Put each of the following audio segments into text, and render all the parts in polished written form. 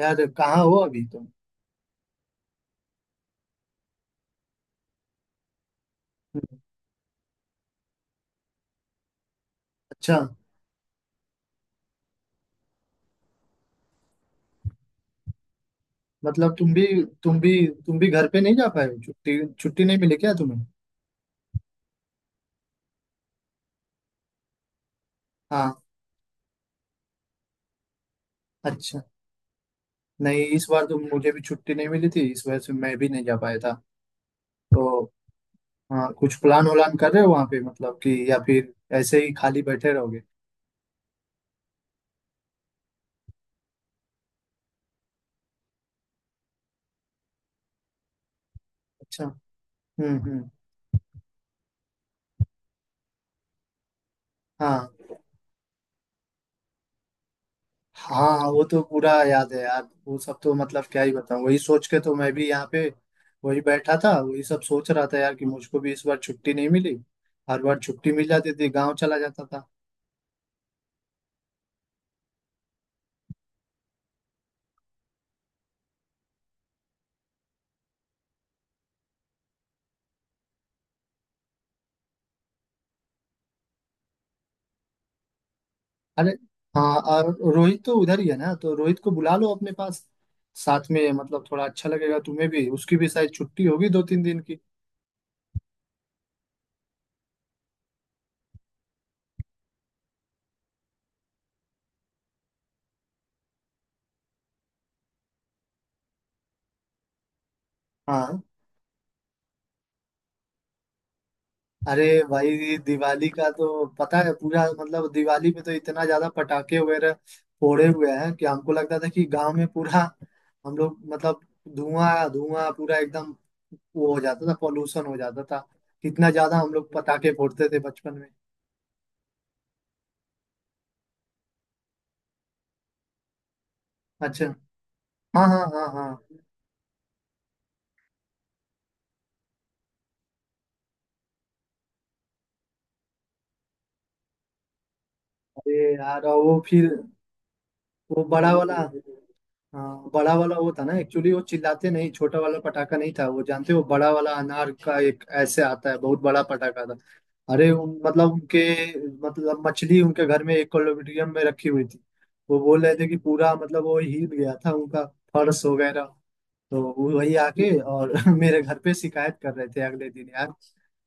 यार कहाँ हो अभी तुम? अच्छा। मतलब तुम भी तुम भी घर पे नहीं जा पाए हो? छुट्टी छुट्टी नहीं मिली क्या तुम्हें? हाँ। अच्छा। नहीं, इस बार तो मुझे भी छुट्टी नहीं मिली थी, इस वजह से मैं भी नहीं जा पाया था। तो। हाँ, कुछ प्लान उलान कर रहे हो वहाँ पे, मतलब कि, या फिर ऐसे ही खाली बैठे रहोगे? अच्छा। हम्म। हम्म। हाँ, हाँ, वो तो पूरा याद है यार। वो सब तो मतलब क्या ही बताऊं, वही सोच के तो मैं भी यहाँ पे वही बैठा था, वही सब सोच रहा था यार, कि मुझको भी इस बार छुट्टी नहीं मिली। हर बार छुट्टी मिल जाती थी, गांव चला जाता था। अरे, हाँ, और रोहित तो उधर ही है ना, तो रोहित को बुला लो अपने पास। साथ में मतलब थोड़ा अच्छा लगेगा, तुम्हें भी उसकी भी शायद छुट्टी होगी 2-3 दिन की। हाँ। अरे भाई, दिवाली का तो पता है पूरा, मतलब दिवाली में तो इतना ज्यादा पटाखे वगैरह फोड़े हुए हैं कि हमको लगता था कि गांव में पूरा, हम लोग मतलब, धुआं धुआं पूरा एकदम वो हो जाता था, पॉल्यूशन हो जाता था। कितना ज्यादा हम लोग पटाखे फोड़ते थे बचपन में। अच्छा। हाँ, हाँ, हाँ, हाँ। अरे यार, और वो फिर, वो बड़ा वाला। हाँ, बड़ा वाला वो था ना। एक्चुअली वो चिल्लाते, नहीं, छोटा वाला पटाखा नहीं था वो, जानते हो, बड़ा वाला अनार का एक ऐसे आता है, बहुत बड़ा पटाखा था। अरे, उन मतलब उनके, मतलब मछली उनके घर में एक्वेरियम में रखी हुई थी। वो बोल रहे थे कि पूरा मतलब वो हिल गया था उनका, फर्श वगैरह। तो वो वही आके और मेरे घर पे शिकायत कर रहे थे अगले दिन यार।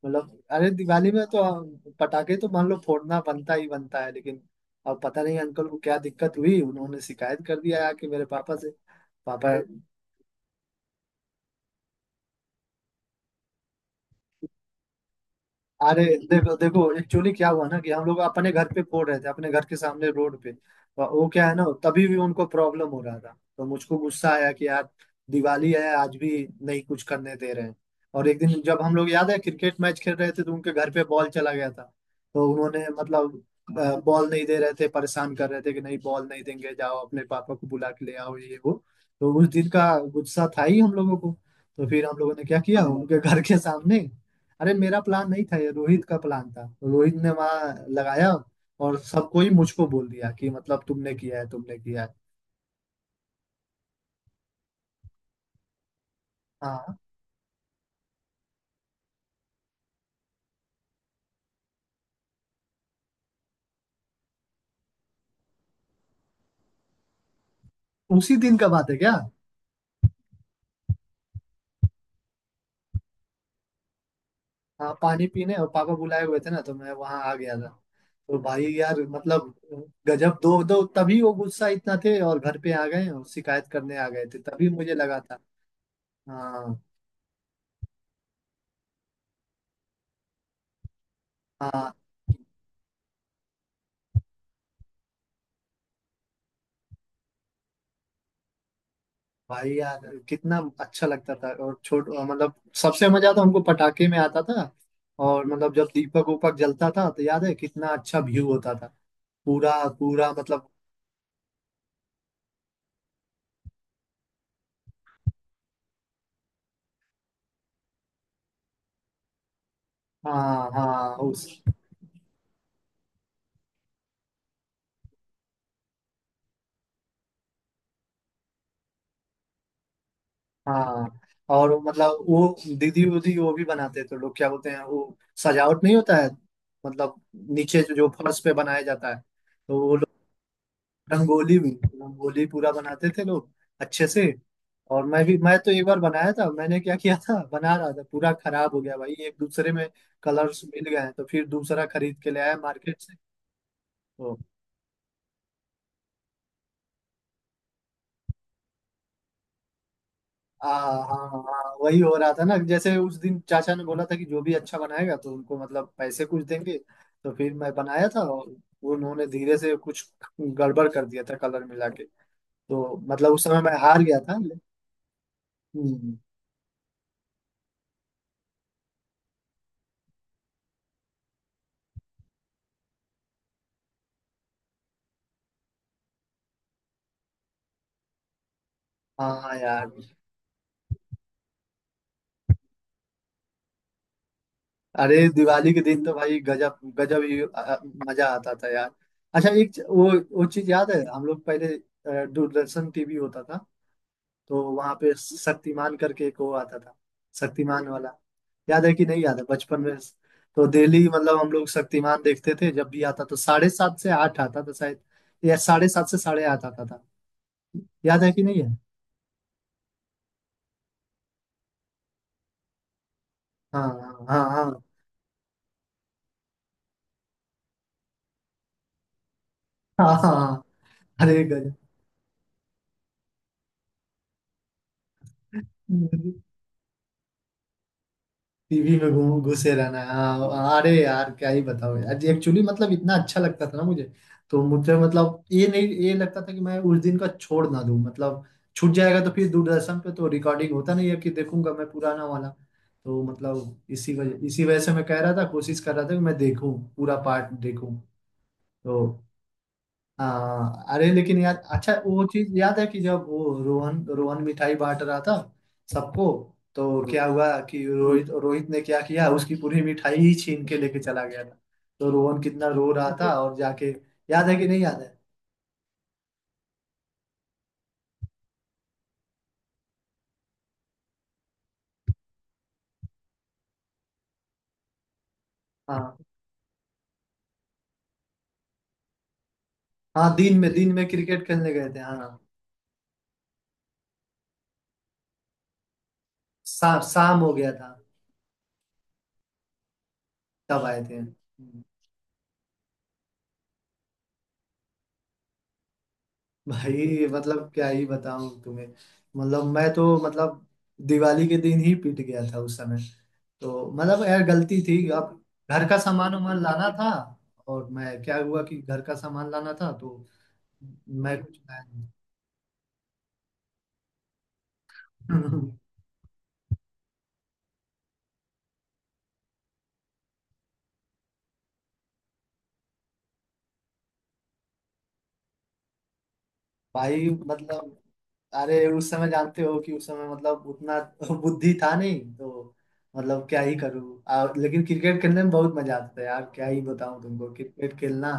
मतलब, अरे दिवाली में तो पटाखे तो मान लो फोड़ना बनता ही बनता है, लेकिन अब पता नहीं अंकल को क्या दिक्कत हुई, उन्होंने शिकायत कर दिया आके मेरे पापा से। पापा। अरे, देखो देखो, एक्चुअली क्या हुआ ना कि हम लोग अपने घर पे फोड़ रहे थे, अपने घर के सामने रोड पे, और वो क्या है ना, तभी भी उनको प्रॉब्लम हो रहा था, तो मुझको गुस्सा आया कि यार दिवाली है आज भी, नहीं कुछ करने दे रहे हैं। और एक दिन जब हम लोग, याद है, क्रिकेट मैच खेल रहे थे, तो उनके घर पे बॉल चला गया था, तो उन्होंने मतलब बॉल नहीं दे रहे थे, परेशान कर रहे थे कि नहीं बॉल नहीं देंगे, जाओ अपने पापा को बुला के ले आओ, ये वो। तो उस दिन का गुस्सा था ही हम लोगों को, तो फिर हम लोगों ने क्या किया उनके घर के सामने। अरे मेरा प्लान नहीं था, ये रोहित का प्लान था, तो रोहित ने वहां लगाया, और सबको ही मुझको बोल दिया कि, मतलब, तुमने किया है, तुमने किया है। हाँ, उसी दिन का बात है क्या? हाँ, पानी पीने, और पापा बुलाए हुए थे ना, तो मैं वहां आ गया था। तो भाई यार, मतलब गजब। दो दो तभी वो गुस्सा इतना थे, और घर पे आ गए और शिकायत करने आ गए थे, तभी मुझे लगा था। हाँ। हाँ, भाई यार कितना अच्छा लगता था। और छोट मतलब सबसे मजा तो हमको पटाखे में आता था। और मतलब जब दीपक उपक जलता था तो याद है कितना अच्छा व्यू होता था, पूरा, पूरा मतलब। हाँ, हाँ। उस। हाँ, और मतलब वो दीदी उदी वो भी बनाते थे, लोग क्या बोलते हैं वो, सजावट नहीं होता है, मतलब नीचे जो जो फर्श पे बनाया जाता है, तो वो, रंगोली भी, रंगोली पूरा बनाते थे लोग, अच्छे से। और मैं तो एक बार बनाया था, मैंने क्या किया था, बना रहा था, पूरा खराब हो गया भाई, एक दूसरे में कलर्स मिल गए हैं, तो फिर दूसरा खरीद के ले आया मार्केट से। तो हाँ, हाँ, वही हो रहा था ना, जैसे उस दिन चाचा ने बोला था कि जो भी अच्छा बनाएगा तो उनको मतलब पैसे कुछ देंगे। तो फिर मैं बनाया था, और उन्होंने धीरे से कुछ गड़बड़ कर दिया था, कलर मिला के। तो मतलब उस समय मैं हार गया था। हम्म। हाँ यार। अरे दिवाली के दिन तो भाई गजब गजब ही मजा आता था यार। अच्छा एक वो चीज याद है, हम लोग पहले दूरदर्शन टीवी होता था, तो वहां पे शक्तिमान करके एक वो आता था, शक्तिमान वाला। याद है कि नहीं, याद है बचपन में। तो डेली मतलब हम लोग शक्तिमान देखते थे, जब भी आता तो 7:30 से 8 आता था शायद, या 7:30 से 8:30 आता था। याद है कि नहीं है? हाँ, हाँ, हाँ, हाँ, हाँ, हाँ, हाँ। अरे गजब। टीवी में घूम घुसे रहना हाँ, अरे यार क्या ही बताओ यार, एक्चुअली मतलब इतना अच्छा लगता था ना मुझे। तो मुझे मतलब ये नहीं, ये लगता था कि मैं उस दिन का छोड़ ना दूं, मतलब छूट जाएगा, तो फिर दूरदर्शन पे तो रिकॉर्डिंग होता नहीं है कि देखूंगा मैं पुराना वाला। तो मतलब इसी वजह से मैं कह रहा था, कोशिश कर रहा था कि मैं देखूं, पूरा पार्ट देखूं। तो। हाँ, अरे लेकिन यार, अच्छा वो चीज याद है कि जब वो रोहन रोहन मिठाई बांट रहा था सबको, तो क्या हुआ कि रोहित रोहित ने क्या किया, उसकी पूरी मिठाई ही छीन के लेके चला गया था। तो रोहन कितना रो रहा था। हम्म। और जाके, याद है कि नहीं, याद है। हाँ, हाँ, दिन में क्रिकेट खेलने गए थे हाँ। शाम हो गया था, तब आए थे। भाई मतलब क्या ही बताऊं तुम्हें, मतलब मैं तो मतलब दिवाली के दिन ही पिट गया था उस समय। तो मतलब यार गलती थी, अब घर का सामान वामान लाना था, और मैं, क्या हुआ कि घर का सामान लाना था, तो मैं कुछ लाया नहीं। भाई मतलब, अरे उस समय जानते हो कि उस समय मतलब उतना बुद्धि था नहीं। तो मतलब क्या ही करूँ, लेकिन क्रिकेट खेलने में बहुत मजा आता था यार, क्या ही बताऊं तुमको, क्रिकेट खेलना।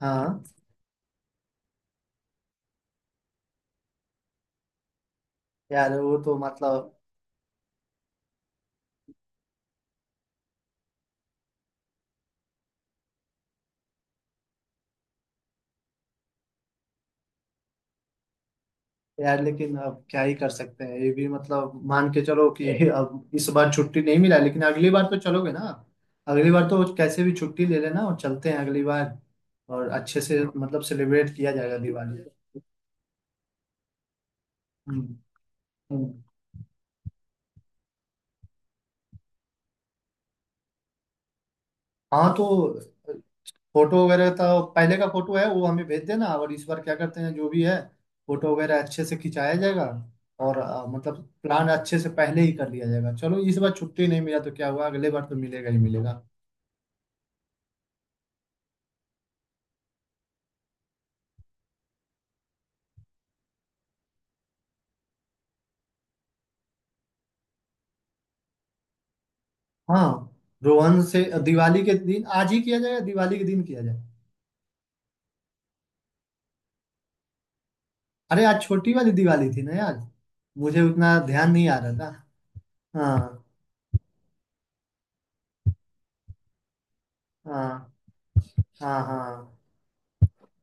हाँ यार, वो तो मतलब। यार लेकिन अब क्या ही कर सकते हैं, ये भी मतलब मान के चलो कि अब इस बार छुट्टी नहीं मिला, लेकिन अगली बार तो चलोगे ना? अगली बार तो कैसे भी छुट्टी ले लेना, और चलते हैं अगली बार, और अच्छे से मतलब सेलिब्रेट किया जाएगा दिवाली। हम्म। हम्म। हाँ तो, फोटो वगैरह का, पहले का फोटो है वो हमें भेज देना, और इस बार क्या करते हैं, जो भी है, फोटो वगैरह अच्छे से खिंचाया जाएगा। और मतलब प्लान अच्छे से पहले ही कर लिया जाएगा। चलो इस बार छुट्टी नहीं मिला तो क्या हुआ, अगले बार तो मिलेगा ही मिलेगा। हाँ। रोहन से दिवाली के दिन, आज ही किया जाए या दिवाली के दिन किया जाए? अरे आज छोटी वाली दिवाली थी ना यार, मुझे उतना ध्यान नहीं आ रहा था। हाँ, हाँ, हाँ, हाँ।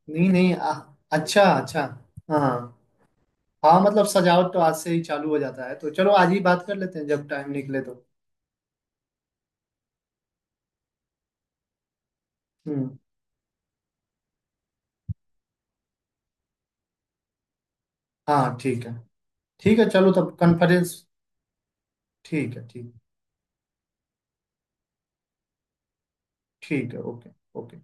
नहीं, नहीं, अच्छा, अच्छा। हाँ, हाँ, हाँ, मतलब सजावट तो आज से ही चालू हो जाता है, तो चलो आज ही बात कर लेते हैं जब टाइम निकले तो। हम्म। हाँ ठीक है। ठीक है चलो, तब कॉन्फ्रेंस। ठीक है, ठीक। ठीक है। ओके। ओके।